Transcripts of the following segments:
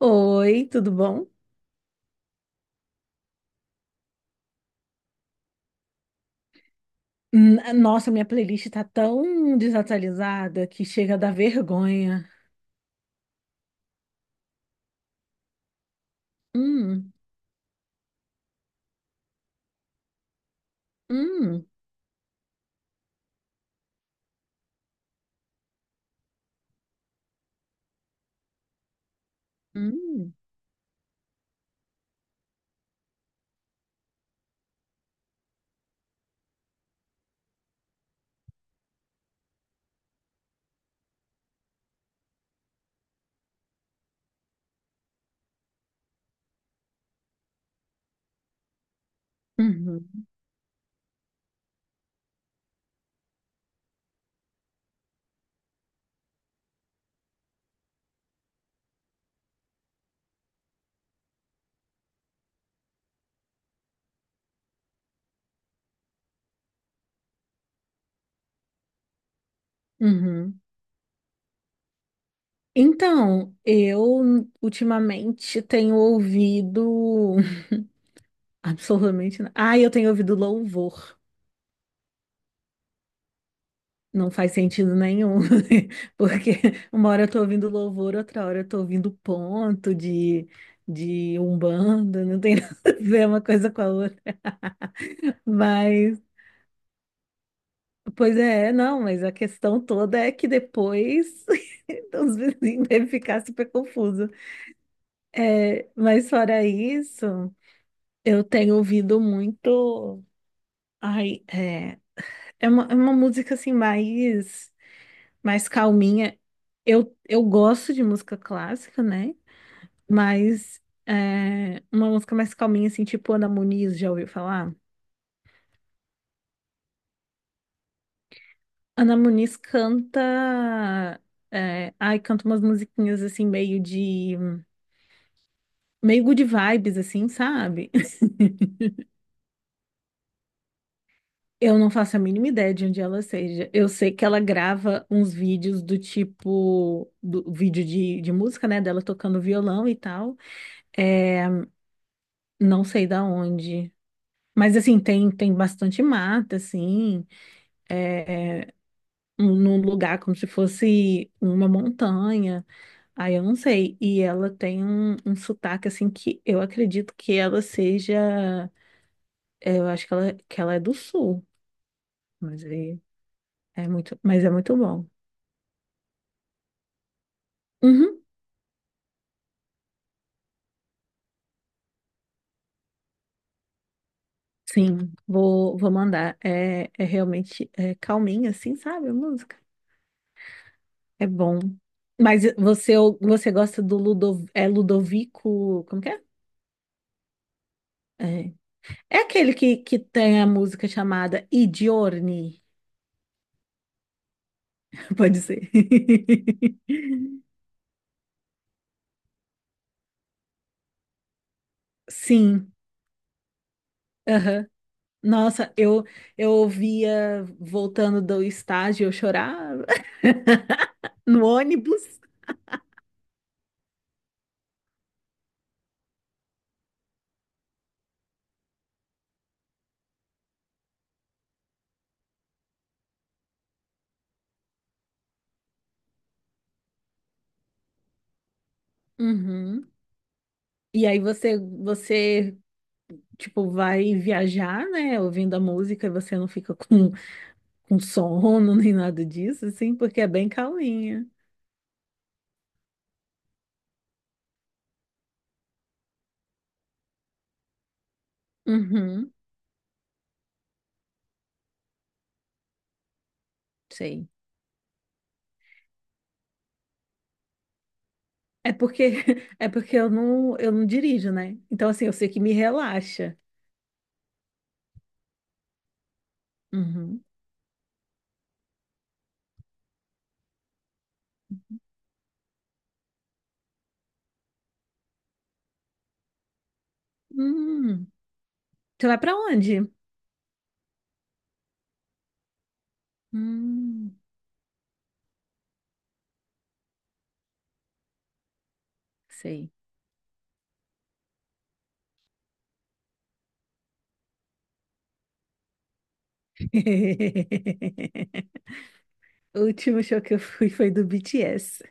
Oi, tudo bom? Nossa, minha playlist tá tão desatualizada que chega a dar vergonha. Hum. Hum. Hum. Uhum. Uhum. Então, eu ultimamente tenho ouvido absolutamente nada. Ah, eu tenho ouvido louvor. Não faz sentido nenhum, porque uma hora eu tô ouvindo louvor, outra hora eu tô ouvindo ponto de Umbanda, não tem nada a ver uma coisa com a outra. Mas Pois é, não, mas a questão toda é que depois os vizinhos devem ficar super confusos. É, mas fora isso, eu tenho ouvido muito. Ai, é uma música assim mais calminha. Eu gosto de música clássica, né? Mas uma música mais calminha, assim, tipo Ana Muniz, já ouviu falar? Ana Muniz canta. Ai, canta umas musiquinhas assim, meio de. Meio good vibes, assim, sabe? Eu não faço a mínima ideia de onde ela seja. Eu sei que ela grava uns vídeos do tipo, do vídeo de música, né? Dela tocando violão e tal. É, não sei da onde. Mas assim, tem bastante mata, assim, é, num lugar como se fosse uma montanha. Aí eu não sei. E ela tem um sotaque, assim, que eu acredito que ela seja. Eu acho que ela é do sul. Mas aí. É muito, mas é muito bom. Uhum, sim, vou mandar. É realmente é calminha, assim, sabe? A música. É bom. Mas você gosta do Ludovico. Como que é? É, é aquele que tem a música chamada I Giorni. Pode ser. Sim, aham. Nossa, eu ouvia voltando do estágio, eu chorava no ônibus. Uhum. E aí você tipo, vai viajar, né, ouvindo a música e você não fica com, com sono nem nada disso, assim, porque é bem calminha. Uhum, sei. É porque, é porque eu não dirijo, né? Então, assim, eu sei que me relaxa. Uhum. Hum, Você vai pra onde? Hum, Sei. O último show que eu fui foi do BTS.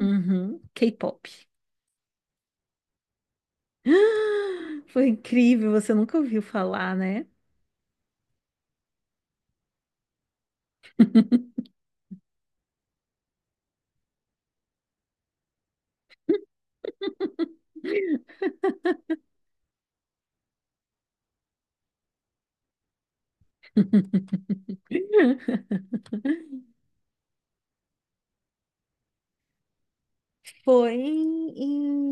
Uhum, K-pop. Foi incrível, você nunca ouviu falar, né? Foi em,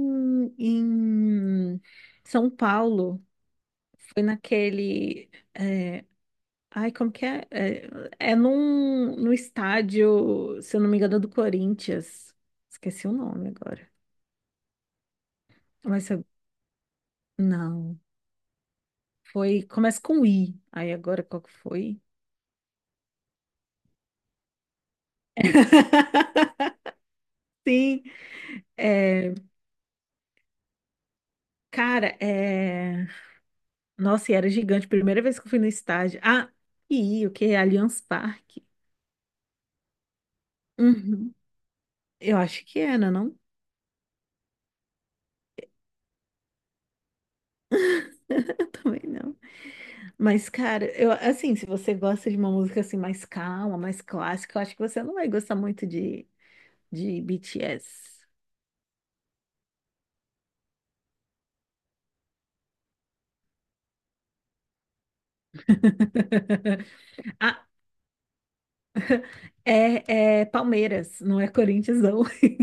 em- São Paulo. Foi naquele. é, Ai, como que é? É no estádio, se eu não me engano, é do Corinthians. Esqueci o nome agora. Mas não. Foi. Começa com I. Aí agora qual que foi? Sim. É, cara, é. Nossa, e era gigante. Primeira vez que eu fui no estádio. Ah, e o que? Allianz Parque. Uhum. Eu acho que era, não? Também não. Mas, cara, eu assim, se você gosta de uma música assim mais calma, mais clássica, eu acho que você não vai gostar muito de, BTS. Ah, é Palmeiras, não é Corinthians, não.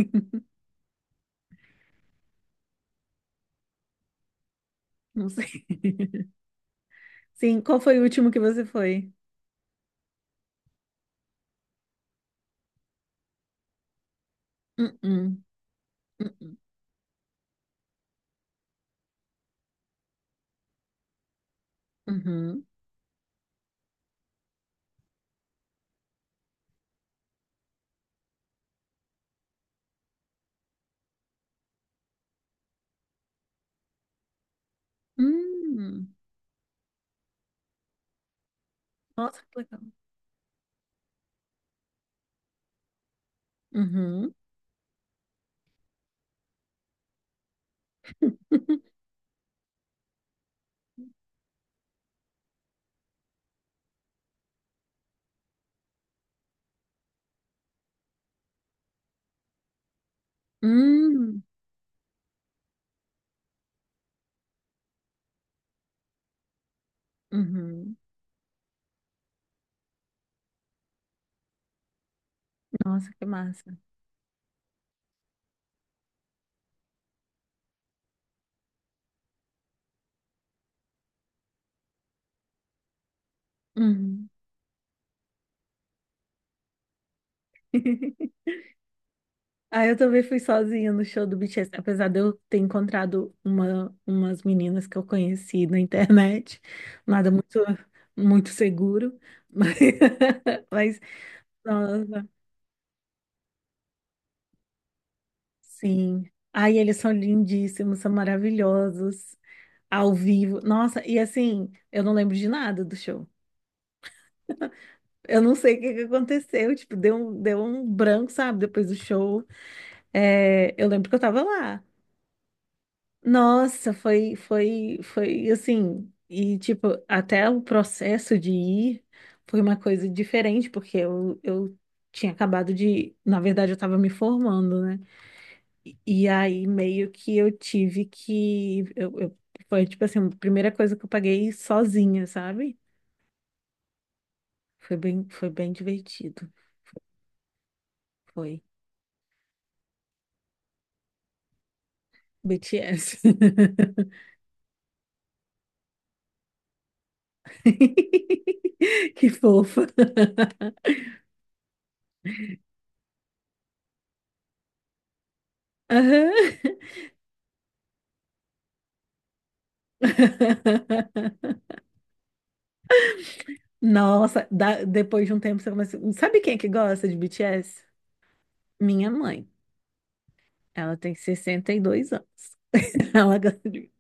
Não sei. Sim, qual foi o último que você foi? Uh-uh. Uh-uh. Uhum. Uhum. Nossa, que legal. Uhum. Hum. Uhum. Nossa, que massa. Uhum. Ah, eu também fui sozinha no show do BTS, apesar de eu ter encontrado umas meninas que eu conheci na internet, nada muito, muito seguro, mas, mas nossa, sim. Ai, eles são lindíssimos, são maravilhosos, ao vivo. Nossa, e assim, eu não lembro de nada do show. Eu não sei o que que aconteceu, tipo, deu um branco, sabe, depois do show. É, eu lembro que eu tava lá. Nossa, foi assim. E, tipo, até o processo de ir foi uma coisa diferente, porque eu tinha acabado de. Na verdade, eu estava me formando, né? E aí, meio que eu tive que. Foi, tipo assim, a primeira coisa que eu paguei sozinha, sabe? Foi bem divertido. Foi. BTS. Que fofa. Aham. Nossa, depois de um tempo você começa. Sabe quem é que gosta de BTS? Minha mãe. Ela tem 62 anos. Ela gosta de.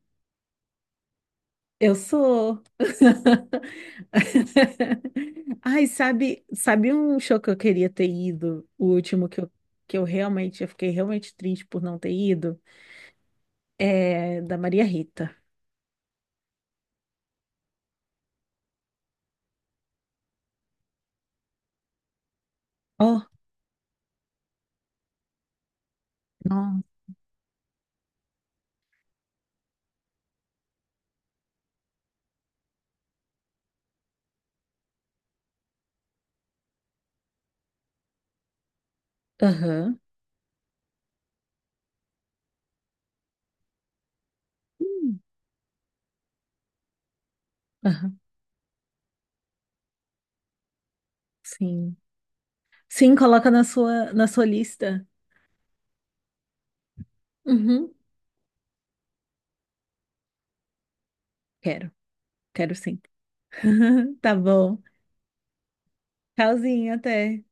Eu sou. Ai, sabe um show que eu queria ter ido? O último que eu realmente, eu fiquei realmente triste por não ter ido? É da Maria Rita. Oh, não. Aham. Hum. Aham. Sim. Sim, coloca na sua lista. Uhum. Quero, quero sim. Tá bom. Tchauzinho, até.